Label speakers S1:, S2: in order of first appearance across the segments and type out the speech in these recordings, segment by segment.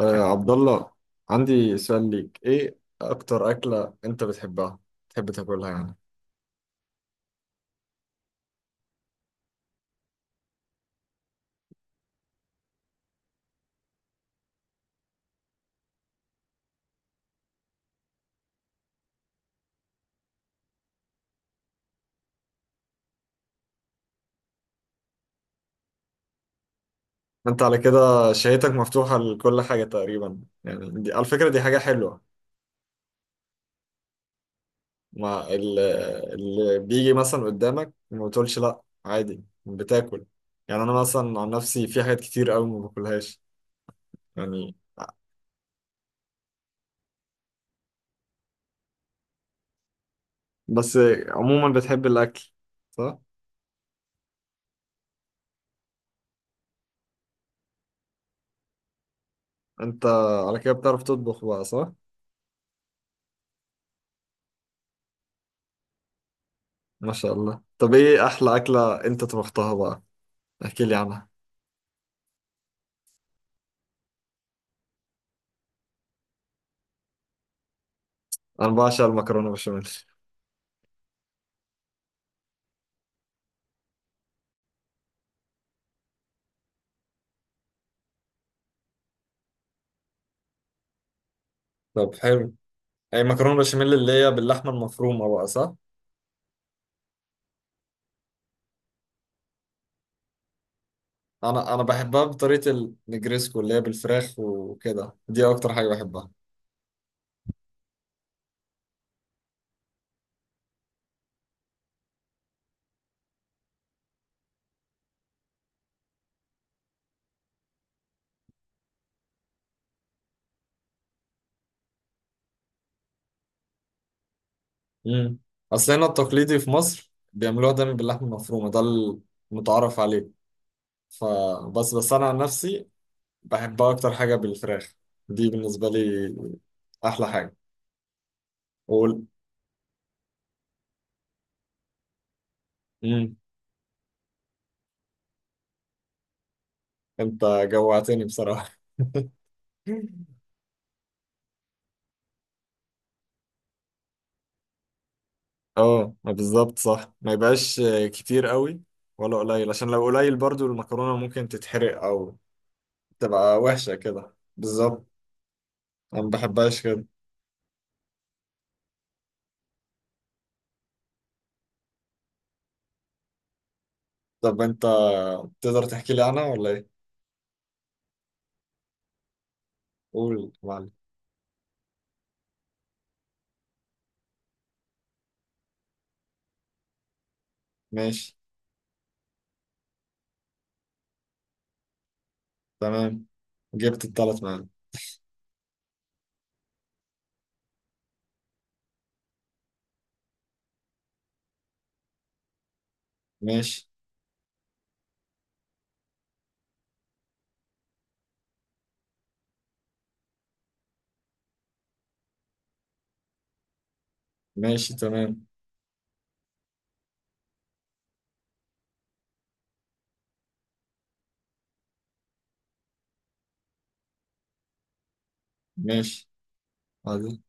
S1: آه عبد الله، عندي سؤال ليك. ايه اكتر اكلة انت بتحبها تحب تاكلها يعني؟ انت على كده شهيتك مفتوحة لكل حاجة تقريبا يعني. دي على فكرة دي حاجة حلوة. ما ال- اللي بيجي مثلا قدامك ما بتقولش لا، عادي بتاكل. يعني انا مثلا عن نفسي في حاجات كتير قوي ما باكلهاش يعني. بس عموما بتحب الاكل، صح؟ انت على كده بتعرف تطبخ بقى، صح؟ ما شاء الله. طب ايه احلى اكلة انت طبختها بقى؟ احكي لي عنها. انا بعشق المكرونة بشاميل. طب حلو. اي مكرونة بشاميل اللي هي باللحمة المفرومة بقى، صح؟ انا بحبها بطريقة النجريسكو اللي هي بالفراخ وكده. دي اكتر حاجة بحبها. امم اصل هنا التقليدي في مصر بيعملوها دايما باللحمة المفرومة، ده المتعارف عليه. فبس انا عن نفسي بحبها اكتر حاجة بالفراخ. دي بالنسبة لي احلى حاجة. وال... مم. انت جوعتني بصراحة. اه، ما بالظبط صح. ما يبقاش كتير قوي ولا قليل، عشان لو قليل برضو المكرونة ممكن تتحرق او تبقى وحشة كده بالظبط. انا ما بحبهاش كده. طب انت تقدر تحكي لي عنها ولا ايه؟ قول يا معلم. ماشي، تمام. جبت الثلاث معايا. ماشي. ماشي، تمام. ماشي. عادي.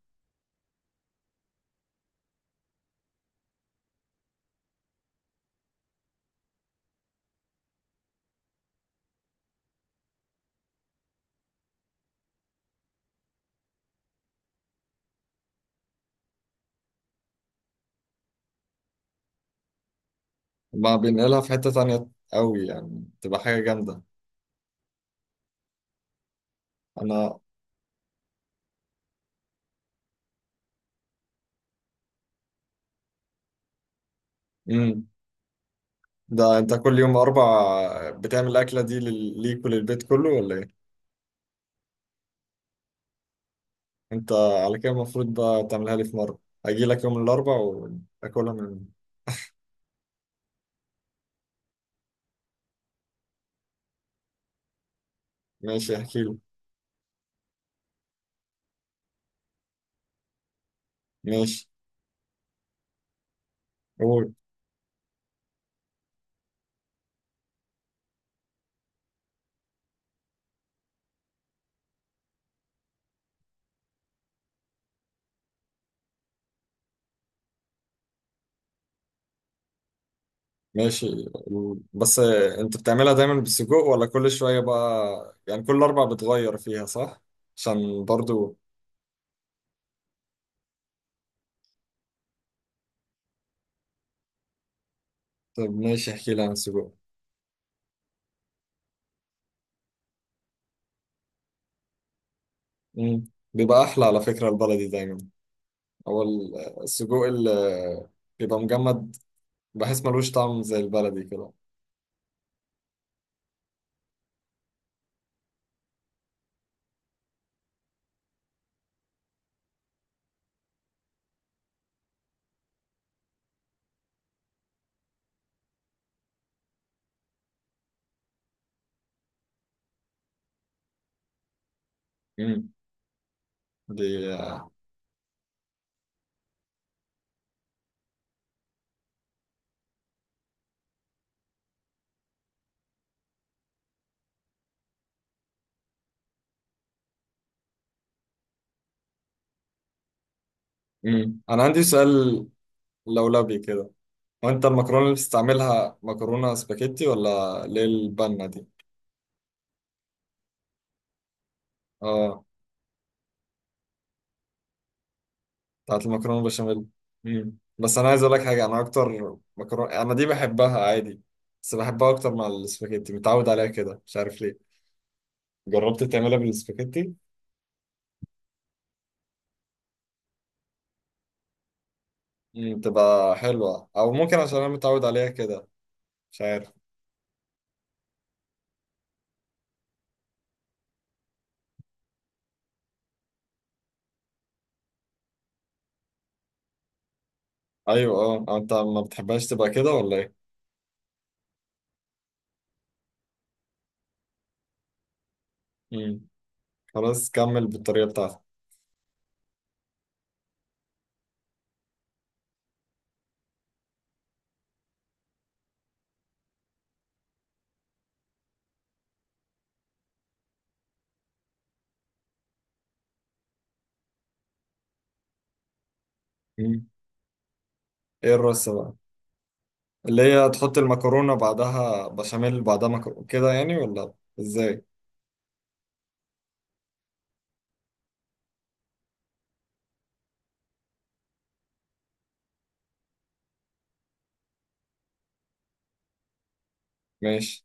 S1: ما بينقلها في حتة تانية قوي يعني، تبقى حاجة جامدة. انا مم. ده انت كل يوم اربع بتعمل الاكله دي ليك وللبيت كله ولا ايه؟ انت على كده المفروض بقى تعملها لي في مره. اجي لك يوم الاربع واكلها من. ماشي، احكي له. ماشي. قول. ماشي. بس انت بتعملها دايما بالسجق ولا كل شويه بقى يعني، كل اربع بتغير فيها، صح؟ عشان برضو. طب ماشي، احكي لي عن السجق. مم. بيبقى احلى على فكره، البلدي دايما. هو السجق اللي بيبقى مجمد بحس ملوش طعم زي البلدي كده. مم. دي انا عندي سؤال لولبي كده. هو انت المكرونه اللي بتستعملها مكرونه سباكيتي ولا اللي هي البنه دي؟ اه. بتاعت المكرونه البشاميل. بس انا عايز اقول لك حاجه، انا اكتر مكرونه انا دي بحبها عادي. بس بحبها اكتر مع السباكيتي، متعود عليها كده مش عارف ليه. جربت تعملها بالسباكيتي؟ تبقى حلوه او ممكن، عشان انا متعود عليها كده مش عارف. ايوه، اه. أو انت ما بتحبهاش تبقى كده ولا ايه؟ امم خلاص، كمل بالطريقه بتاعتك. امم ايه الرصه بقى؟ اللي هي تحط المكرونة بعدها بشاميل بعدها مكرونة كده يعني، ولا ازاي؟ ماشي.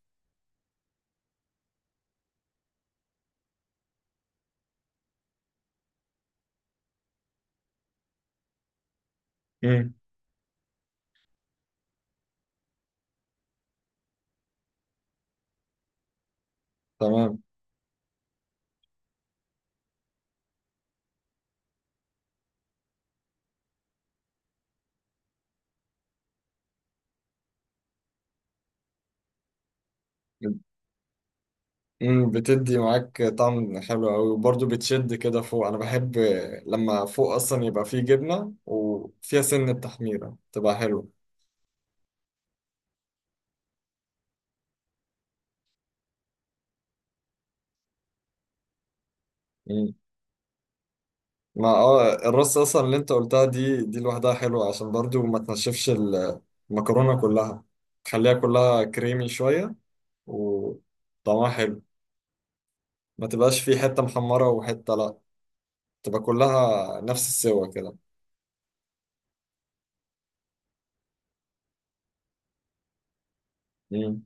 S1: مم. تمام. مم. بتدي معاك طعم حلو قوي، وبرضه بتشد كده فوق. انا بحب لما فوق اصلا يبقى فيه جبنة وفيها سن تحميرة، تبقى حلوة. مم. ما الرص اصلا اللي انت قلتها دي لوحدها حلوة، عشان برضه ما تنشفش المكرونة كلها. تخليها كلها كريمي شوية وطعمها حلو. ما تبقاش فيه حتة محمرة وحتة لا، تبقى كلها نفس السوا كده. مم.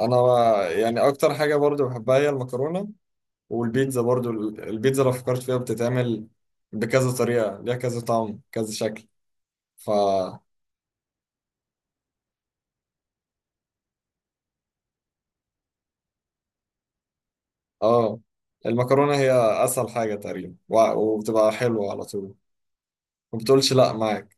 S1: انا يعني اكتر حاجه برضو بحبها هي المكرونه، والبيتزا برضو. البيتزا لو فكرت فيها بتتعمل بكذا طريقه، ليها كذا طعم كذا شكل فا اه. المكرونه هي اسهل حاجه تقريبا وبتبقى حلوه على طول، ما بتقولش لا معاك.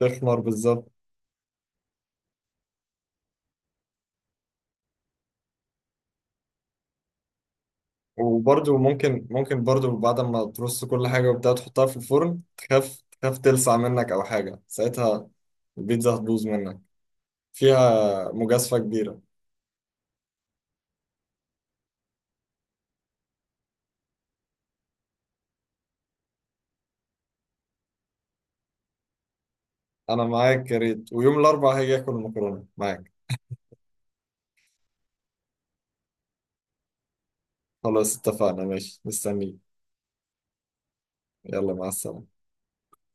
S1: تخمر بالظبط. وبرضو ممكن برضو بعد ما ترص كل حاجه وبتاع تحطها في الفرن، تخاف تلسع منك او حاجه. ساعتها البيتزا هتبوظ منك. فيها مجازفة كبيرة. أنا معاك، يا ريت. ويوم الأربعاء هاجي آكل مكرونة معاك. خلاص، اتفقنا. ماشي، مستنيك. يلا، مع السلامة.